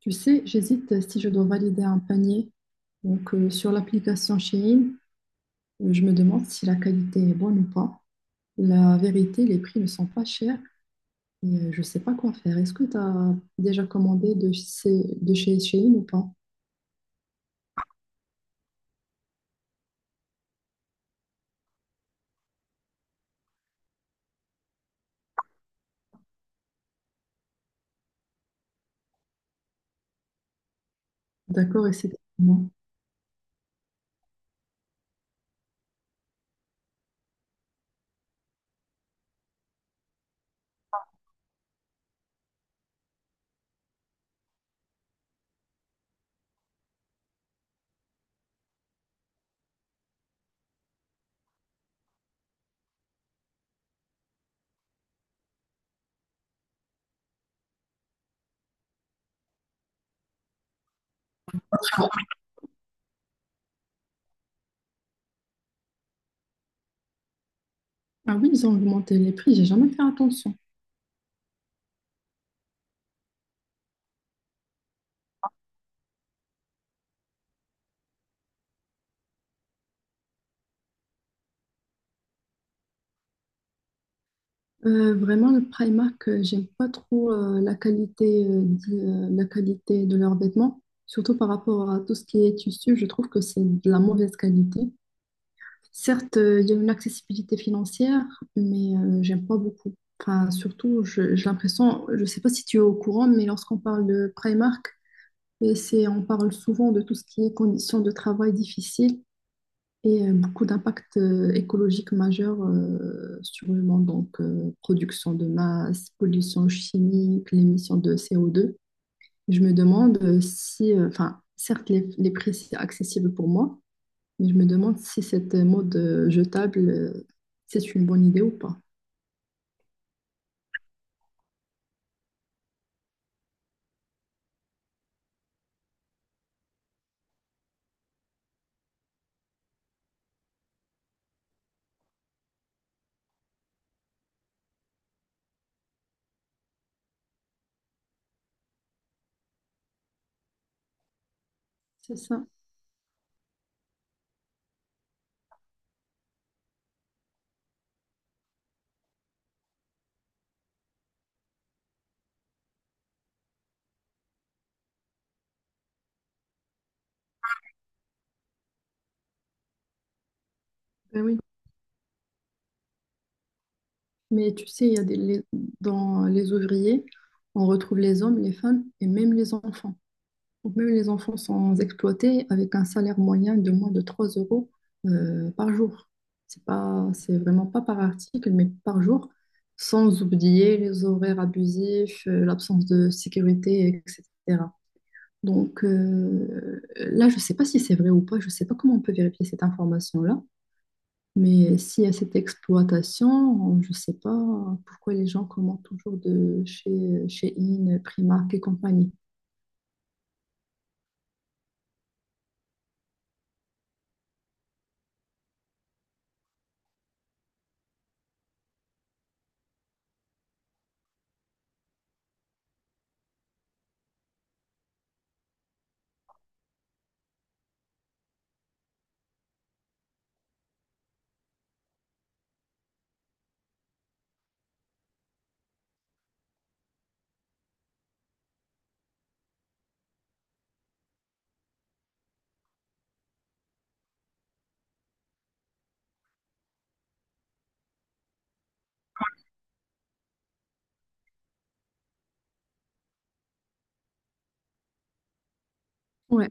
Tu sais, j'hésite si je dois valider un panier. Donc, sur l'application Shein, je me demande si la qualité est bonne ou pas. La vérité, les prix ne sont pas chers et je ne sais pas quoi faire. Est-ce que tu as déjà commandé de chez Shein ou pas? D'accord, et c'est moi. Ah oui, ils ont augmenté les prix, j'ai jamais fait attention. Vraiment, le Primark, j'aime pas trop la qualité, la qualité de leurs vêtements, surtout par rapport à tout ce qui est tissu. Je trouve que c'est de la mauvaise qualité. Certes, il y a une accessibilité financière, mais j'aime pas beaucoup. Enfin, surtout, j'ai l'impression, je sais pas si tu es au courant, mais lorsqu'on parle de Primark, et c'est, on parle souvent de tout ce qui est conditions de travail difficiles et beaucoup d'impacts écologiques majeurs sur le monde, donc production de masse, pollution chimique, l'émission de CO2. Je me demande si, enfin, certes, les prix, c'est accessible pour moi, je me demande si cette mode jetable, c'est une bonne idée ou pas. C'est ça. Ben oui. Mais tu sais, il y a des, les- dans les ouvriers, on retrouve les hommes, les femmes et même les enfants. Donc même les enfants sont exploités avec un salaire moyen de moins de 3 € par jour. C'est vraiment pas par article, mais par jour, sans oublier les horaires abusifs, l'absence de sécurité, etc. Donc là, je ne sais pas si c'est vrai ou pas, je ne sais pas comment on peut vérifier cette information-là, mais s'il y a cette exploitation, je ne sais pas pourquoi les gens commandent toujours de chez In, Primark et compagnie. Ouais,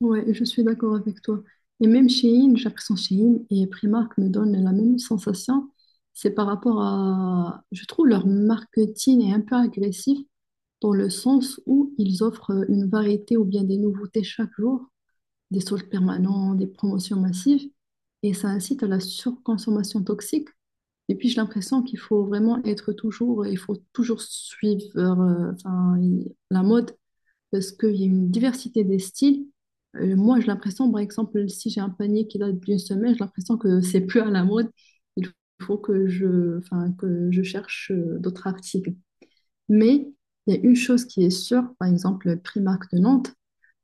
ouais, je suis d'accord avec toi. Et même chez In, j'ai l'impression que chez In et Primark me donnent la même sensation. C'est par rapport à, je trouve leur marketing est un peu agressif dans le sens où ils offrent une variété ou bien des nouveautés chaque jour. Des soldes permanents, des promotions massives, et ça incite à la surconsommation toxique. Et puis j'ai l'impression qu'il faut vraiment être toujours, il faut toujours suivre la mode parce qu'il y a une diversité des styles. Moi j'ai l'impression, par exemple, si j'ai un panier qui date d'une semaine, j'ai l'impression que c'est plus à la mode. Il faut que que je cherche d'autres articles. Mais il y a une chose qui est sûre, par exemple, Primark de Nantes.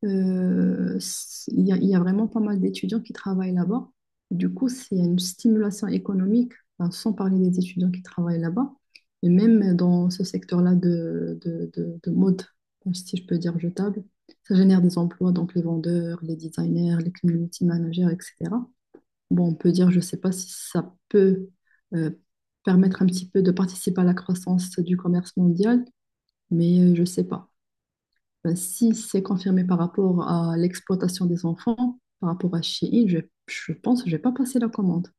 Il y a vraiment pas mal d'étudiants qui travaillent là-bas. Du coup, c'est une stimulation économique, enfin, sans parler des étudiants qui travaillent là-bas. Et même dans ce secteur-là de mode, si je peux dire jetable, ça génère des emplois, donc les vendeurs, les designers, les community managers, etc. Bon, on peut dire, je ne sais pas si ça peut euh, permettre un petit peu de participer à la croissance du commerce mondial, mais je ne sais pas. Ben, si c'est confirmé par rapport à l'exploitation des enfants, par rapport à Shein, je pense que je vais pas passer la commande.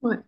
Ouais,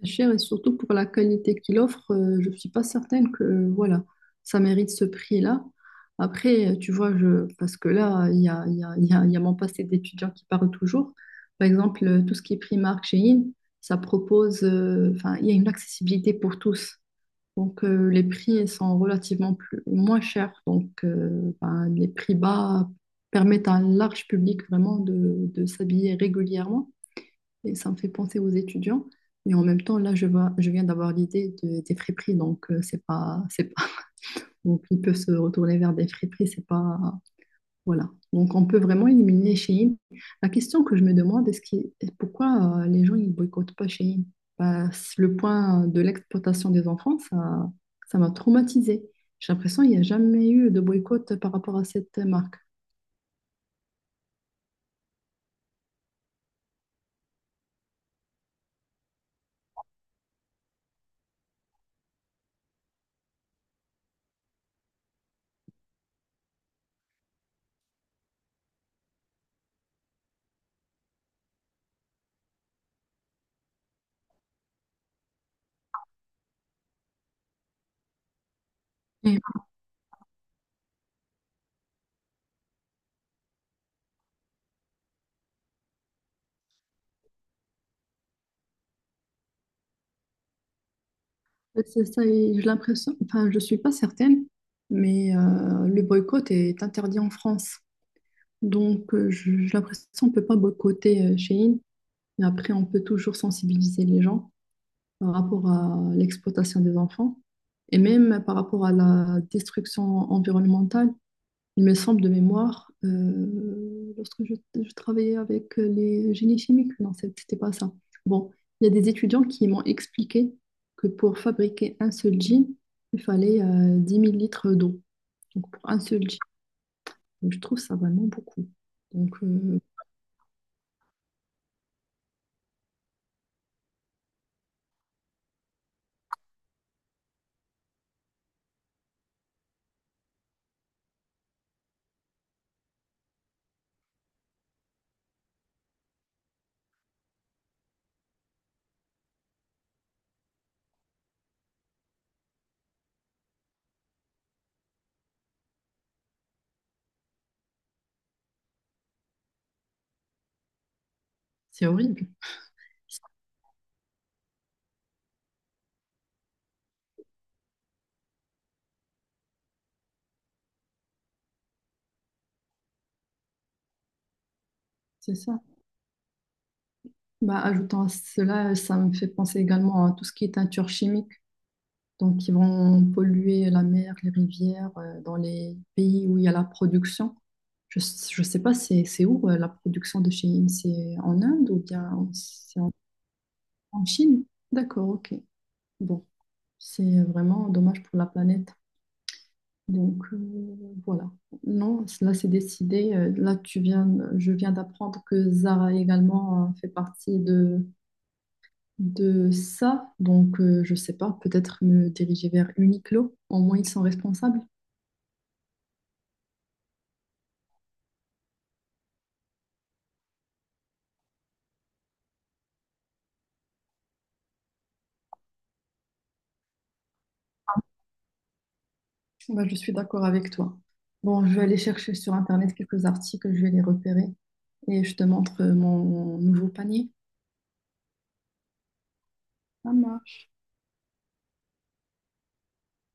c'est cher et surtout pour la qualité qu'il offre, je suis pas certaine que voilà, ça mérite ce prix-là. Après, tu vois, parce que là, il y a, il y a- il y a- il y a mon passé d'étudiant qui parle toujours. Par exemple, tout ce qui est Primark, Shein, ça propose, enfin, il y a une accessibilité pour tous. Donc, les prix sont relativement moins chers. Donc, ben, les prix bas permettent à un large public vraiment de s'habiller régulièrement. Et ça me fait penser aux étudiants. Mais en même temps, je viens d'avoir l'idée des friperies. Donc, c'est pas, donc, ils peuvent se retourner vers des friperies. C'est pas, voilà. Donc, on peut vraiment éliminer Shein. La question que je me demande, pourquoi les gens ils boycottent pas Shein? Bah, c'est le point de l'exploitation des enfants, ça m'a traumatisée. J'ai l'impression qu'il n'y a jamais eu de boycott par rapport à cette marque. Mm. En fait, c'est ça, et j'ai l'impression, enfin, je suis pas certaine, mais le boycott est interdit en France. Donc, j'ai l'impression qu'on ne peut pas boycotter Shein. Mais après, on peut toujours sensibiliser les gens par rapport à l'exploitation des enfants et même par rapport à la destruction environnementale. Il me semble de mémoire, lorsque je travaillais avec les génies chimiques, non, c'était pas ça. Bon, il y a des étudiants qui m'ont expliqué que pour fabriquer un seul jean, il fallait 10 000 litres d'eau. Donc pour un seul jean, donc, je trouve ça vraiment beaucoup. Donc c'est horrible. C'est ça. Bah, ajoutant à cela, ça me fait penser également à tout ce qui est teinture chimique. Donc, ils vont polluer la mer, les rivières, dans les pays où il y a la production. Je ne sais pas, c'est où la production de chéine? C'est en Inde ou bien c'est en, en Chine? D'accord, ok. Bon, c'est vraiment dommage pour la planète. Donc, voilà. Non, là, c'est décidé. Je viens d'apprendre que Zara également fait partie de ça. Donc, je sais pas, peut-être me diriger vers Uniqlo. Au moins, ils sont responsables. Bah, je suis d'accord avec toi. Bon, je vais aller chercher sur Internet quelques articles, je vais les repérer et je te montre mon nouveau panier. À